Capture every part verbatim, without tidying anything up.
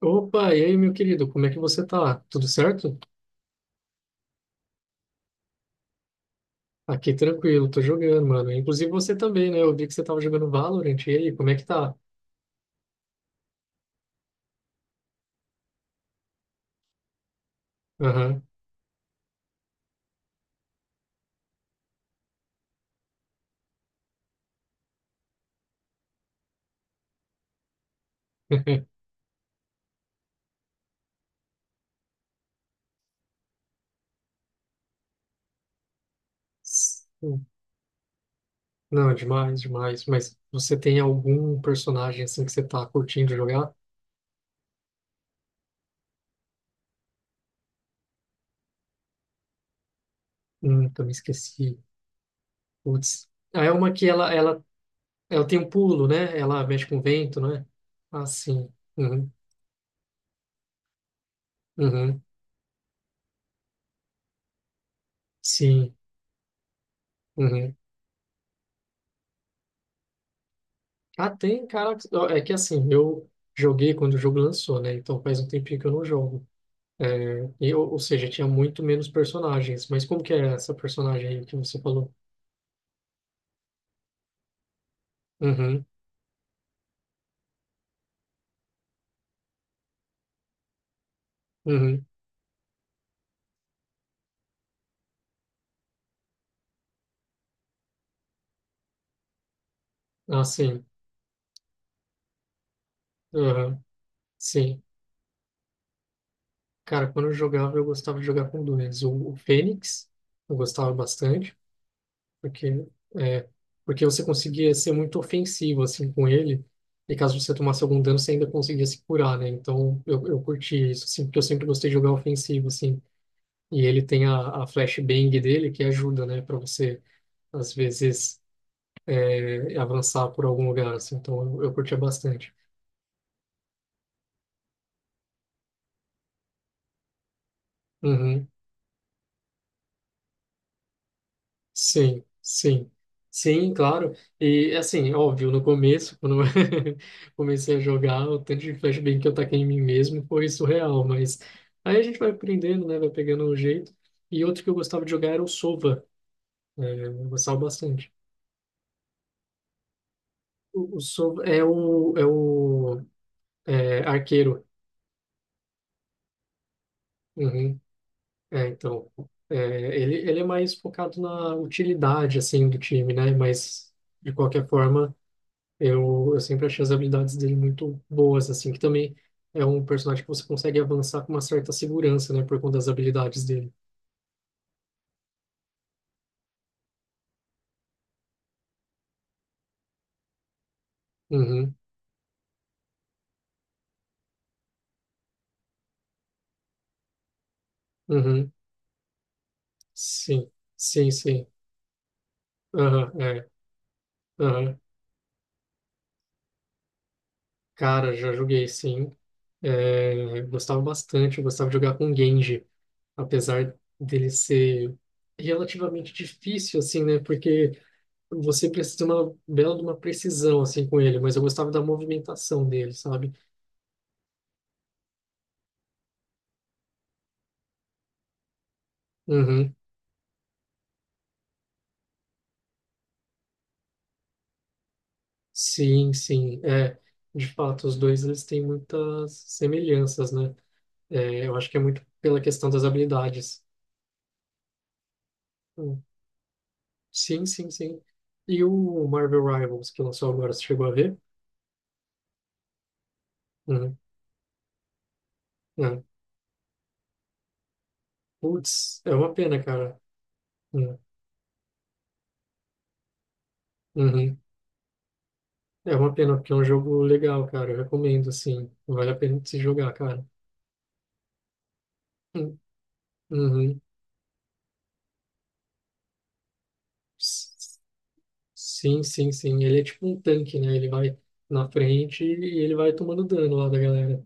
Opa, e aí, meu querido, como é que você tá? Tudo certo? Aqui tranquilo, tô jogando, mano. Inclusive você também, né? Eu vi que você tava jogando Valorant. E aí, como é que tá? Aham. Sim. Não, demais, demais. Mas você tem algum personagem assim que você tá curtindo jogar? Hum, eu me esqueci. Putz. Ah, é uma que ela, ela, ela tem um pulo, né? Ela mexe com o vento, não é? Ah, sim. Uhum. Uhum. Sim. Uhum. Ah, tem, cara. É que assim, eu joguei quando o jogo lançou, né? Então faz um tempinho que eu não jogo. É, e, ou, ou seja, tinha muito menos personagens. Mas como que é essa personagem aí que você falou? Uhum, uhum. Ah, sim. Uhum, sim. Cara, quando eu jogava, eu gostava de jogar com dois. O, o Fênix, eu gostava bastante, porque, é, porque você conseguia ser muito ofensivo, assim, com ele. E caso você tomasse algum dano, você ainda conseguia se curar, né? Então, eu, eu curti isso, assim, porque eu sempre gostei de jogar ofensivo, assim. E ele tem a, a flashbang dele que ajuda, né, para você, às vezes, eh, avançar por algum lugar, assim. Então, eu, eu curtia bastante. Uhum. Sim, sim. Sim, claro. E, assim, óbvio, no começo, quando eu comecei a jogar, o tanto de flashbang que eu taquei em mim mesmo foi surreal, mas aí a gente vai aprendendo, né, vai pegando o jeito. E outro que eu gostava de jogar era o Sova. Eh, eu gostava bastante. O, o Sova é o, é o é, arqueiro. Uhum. É, então, é, ele, ele é mais focado na utilidade, assim, do time, né? Mas, de qualquer forma, eu, eu sempre achei as habilidades dele muito boas, assim, que também é um personagem que você consegue avançar com uma certa segurança, né? Por conta das habilidades dele. Uhum, uhum, sim, sim, sim. Aham, é, aham. Cara, já joguei, sim. É, gostava bastante, eu gostava de jogar com Genji, apesar dele ser relativamente difícil, assim, né? Porque você precisa de uma bela de uma precisão assim com ele, mas eu gostava da movimentação dele, sabe? Uhum. Sim, sim, é. De fato, os dois eles têm muitas semelhanças, né? É, eu acho que é muito pela questão das habilidades. Hum. Sim, sim, sim. E o Marvel Rivals que lançou agora, você chegou a ver? Uhum. É. Putz, é uma pena, cara. Uhum. Uhum. É uma pena, porque é um jogo legal, cara. Eu recomendo, assim. Vale a pena de se jogar, cara. Uhum. Uhum. Sim, sim, sim. Ele é tipo um tanque, né? Ele vai na frente e ele vai tomando dano lá da galera.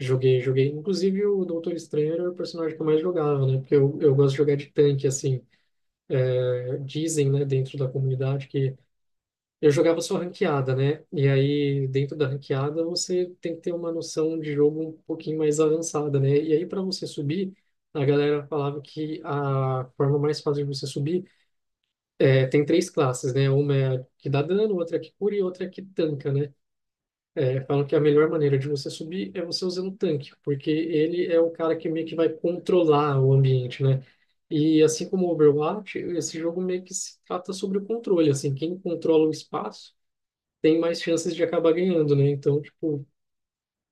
Joguei, joguei. Inclusive, o Doutor Estranho era o personagem que eu mais jogava, né? Porque eu, eu gosto de jogar de tanque, assim. É, dizem, né, dentro da comunidade que eu jogava só ranqueada, né? E aí, dentro da ranqueada, você tem que ter uma noção de jogo um pouquinho mais avançada, né? E aí, para você subir, a galera falava que a forma mais fácil de você subir. É, tem três classes, né? Uma é a que dá dano, outra é a que cura e outra é a que tanca, né? É, falam que a melhor maneira de você subir é você usando o tanque, porque ele é o cara que meio que vai controlar o ambiente, né? E assim como o Overwatch, esse jogo meio que se trata sobre o controle, assim, quem controla o espaço tem mais chances de acabar ganhando, né? Então, tipo,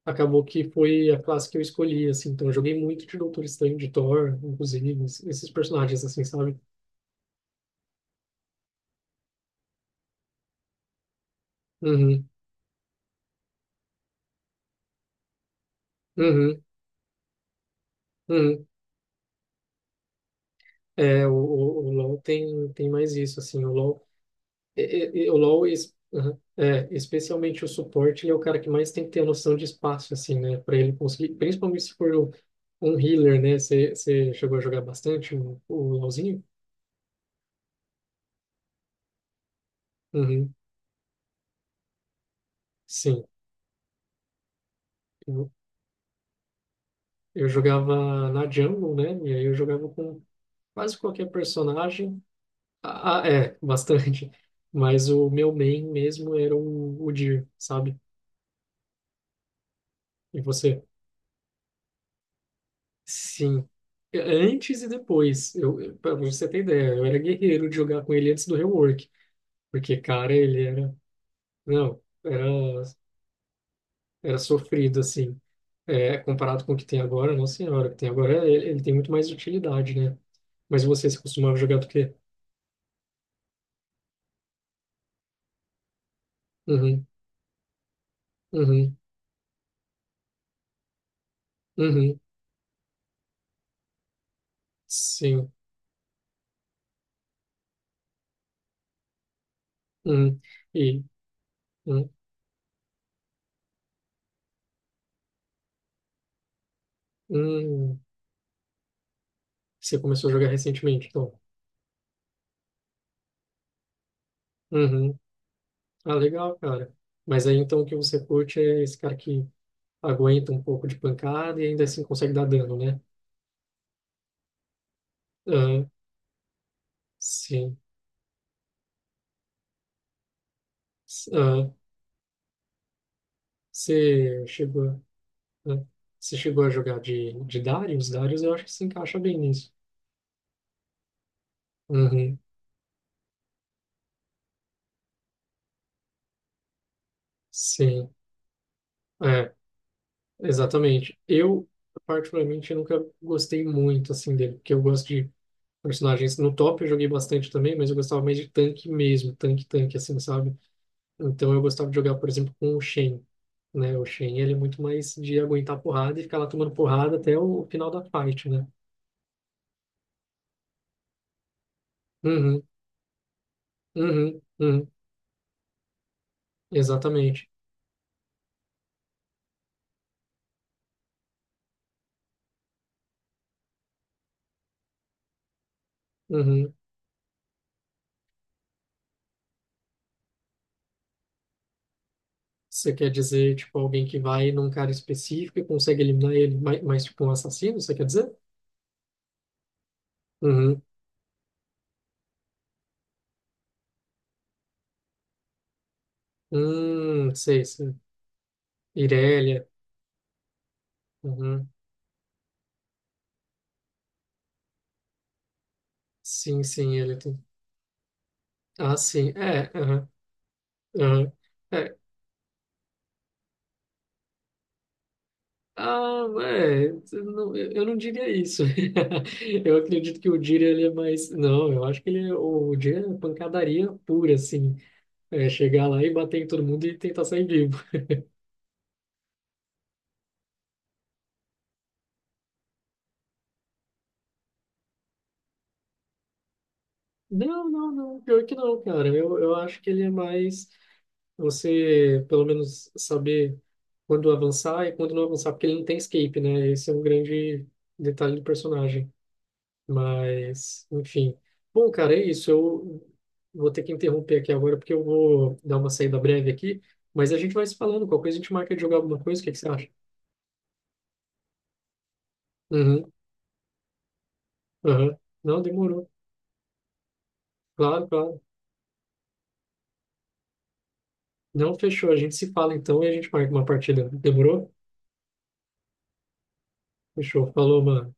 acabou que foi a classe que eu escolhi, assim, então eu joguei muito de Doutor Estranho, de Thor, inclusive, esses personagens, assim, sabe? Uhum, uhum, uhum. É, o, o, o LoL tem, tem mais isso, assim, o LoL, e- e- e- o LoL es- aham, é, especialmente o suporte, ele é o cara que mais tem que ter a noção de espaço, assim, né, para ele conseguir, principalmente se for um, um healer, né, você você chegou a jogar bastante o, o LoLzinho? Uhum, sim, eu, eu jogava na jungle, né, e aí eu jogava com quase qualquer personagem, ah, ah, é, bastante, mas o meu main mesmo era o, o Dir, sabe? E você? Sim. É, antes e depois. Eu, eu, pra você ter ideia, eu era guerreiro de jogar com ele antes do rework. Porque, cara, ele era. Não, era, era sofrido, assim. É, comparado com o que tem agora, nossa senhora, o que tem agora, ele, ele tem muito mais utilidade, né? Mas você se costumava jogar do quê? Uhum, uhum, uhum, sim, uhum. E, uhum, uhum. Você começou a jogar recentemente, então. Uhum. Ah, legal, cara. Mas aí então o que você curte é esse cara que aguenta um pouco de pancada e ainda assim consegue dar dano, né? Ah, sim. Ah, você chegou, né? Você chegou a jogar de, de Darius? Darius eu acho que se encaixa bem nisso. Uhum, sim, é, exatamente. Eu, particularmente, nunca gostei muito, assim, dele, porque eu gosto de personagens no top, eu joguei bastante também, mas eu gostava mais de tanque mesmo, tanque, tanque, assim, sabe? Então eu gostava de jogar, por exemplo, com o Shen, né? O Shen, ele é muito mais de aguentar porrada e ficar lá tomando porrada até o final da fight, né? Uhum, uhum, uhum, exatamente. Uhum. Você quer dizer, tipo, alguém que vai num cara específico e consegue eliminar ele, mas, mas tipo, um assassino, você quer dizer? Uhum. Hum, sei, sei. Irelia. Uhum. Sim, sim, ele tem. Ah, sim. É, aham, aham. É, Ah, é, eu não eu não diria isso. Eu acredito que o Dira ele é mais. Não, eu acho que ele, é- o Dira é pancadaria pura, assim. É chegar lá e bater em todo mundo e tentar sair vivo. Não, não, não, pior que não, cara. Eu, eu acho que ele é mais você, pelo menos, saber quando avançar e quando não avançar, porque ele não tem escape, né? Esse é um grande detalhe do personagem. Mas, enfim. Bom, cara, é isso. Eu vou ter que interromper aqui agora porque eu vou dar uma saída breve aqui. Mas a gente vai se falando. Qualquer coisa a gente marca de jogar alguma coisa. O que que você acha? Uhum, uhum. Não, demorou. Claro, claro. Não, fechou. A gente se fala então e a gente marca uma partida. Demorou? Fechou. Falou, mano.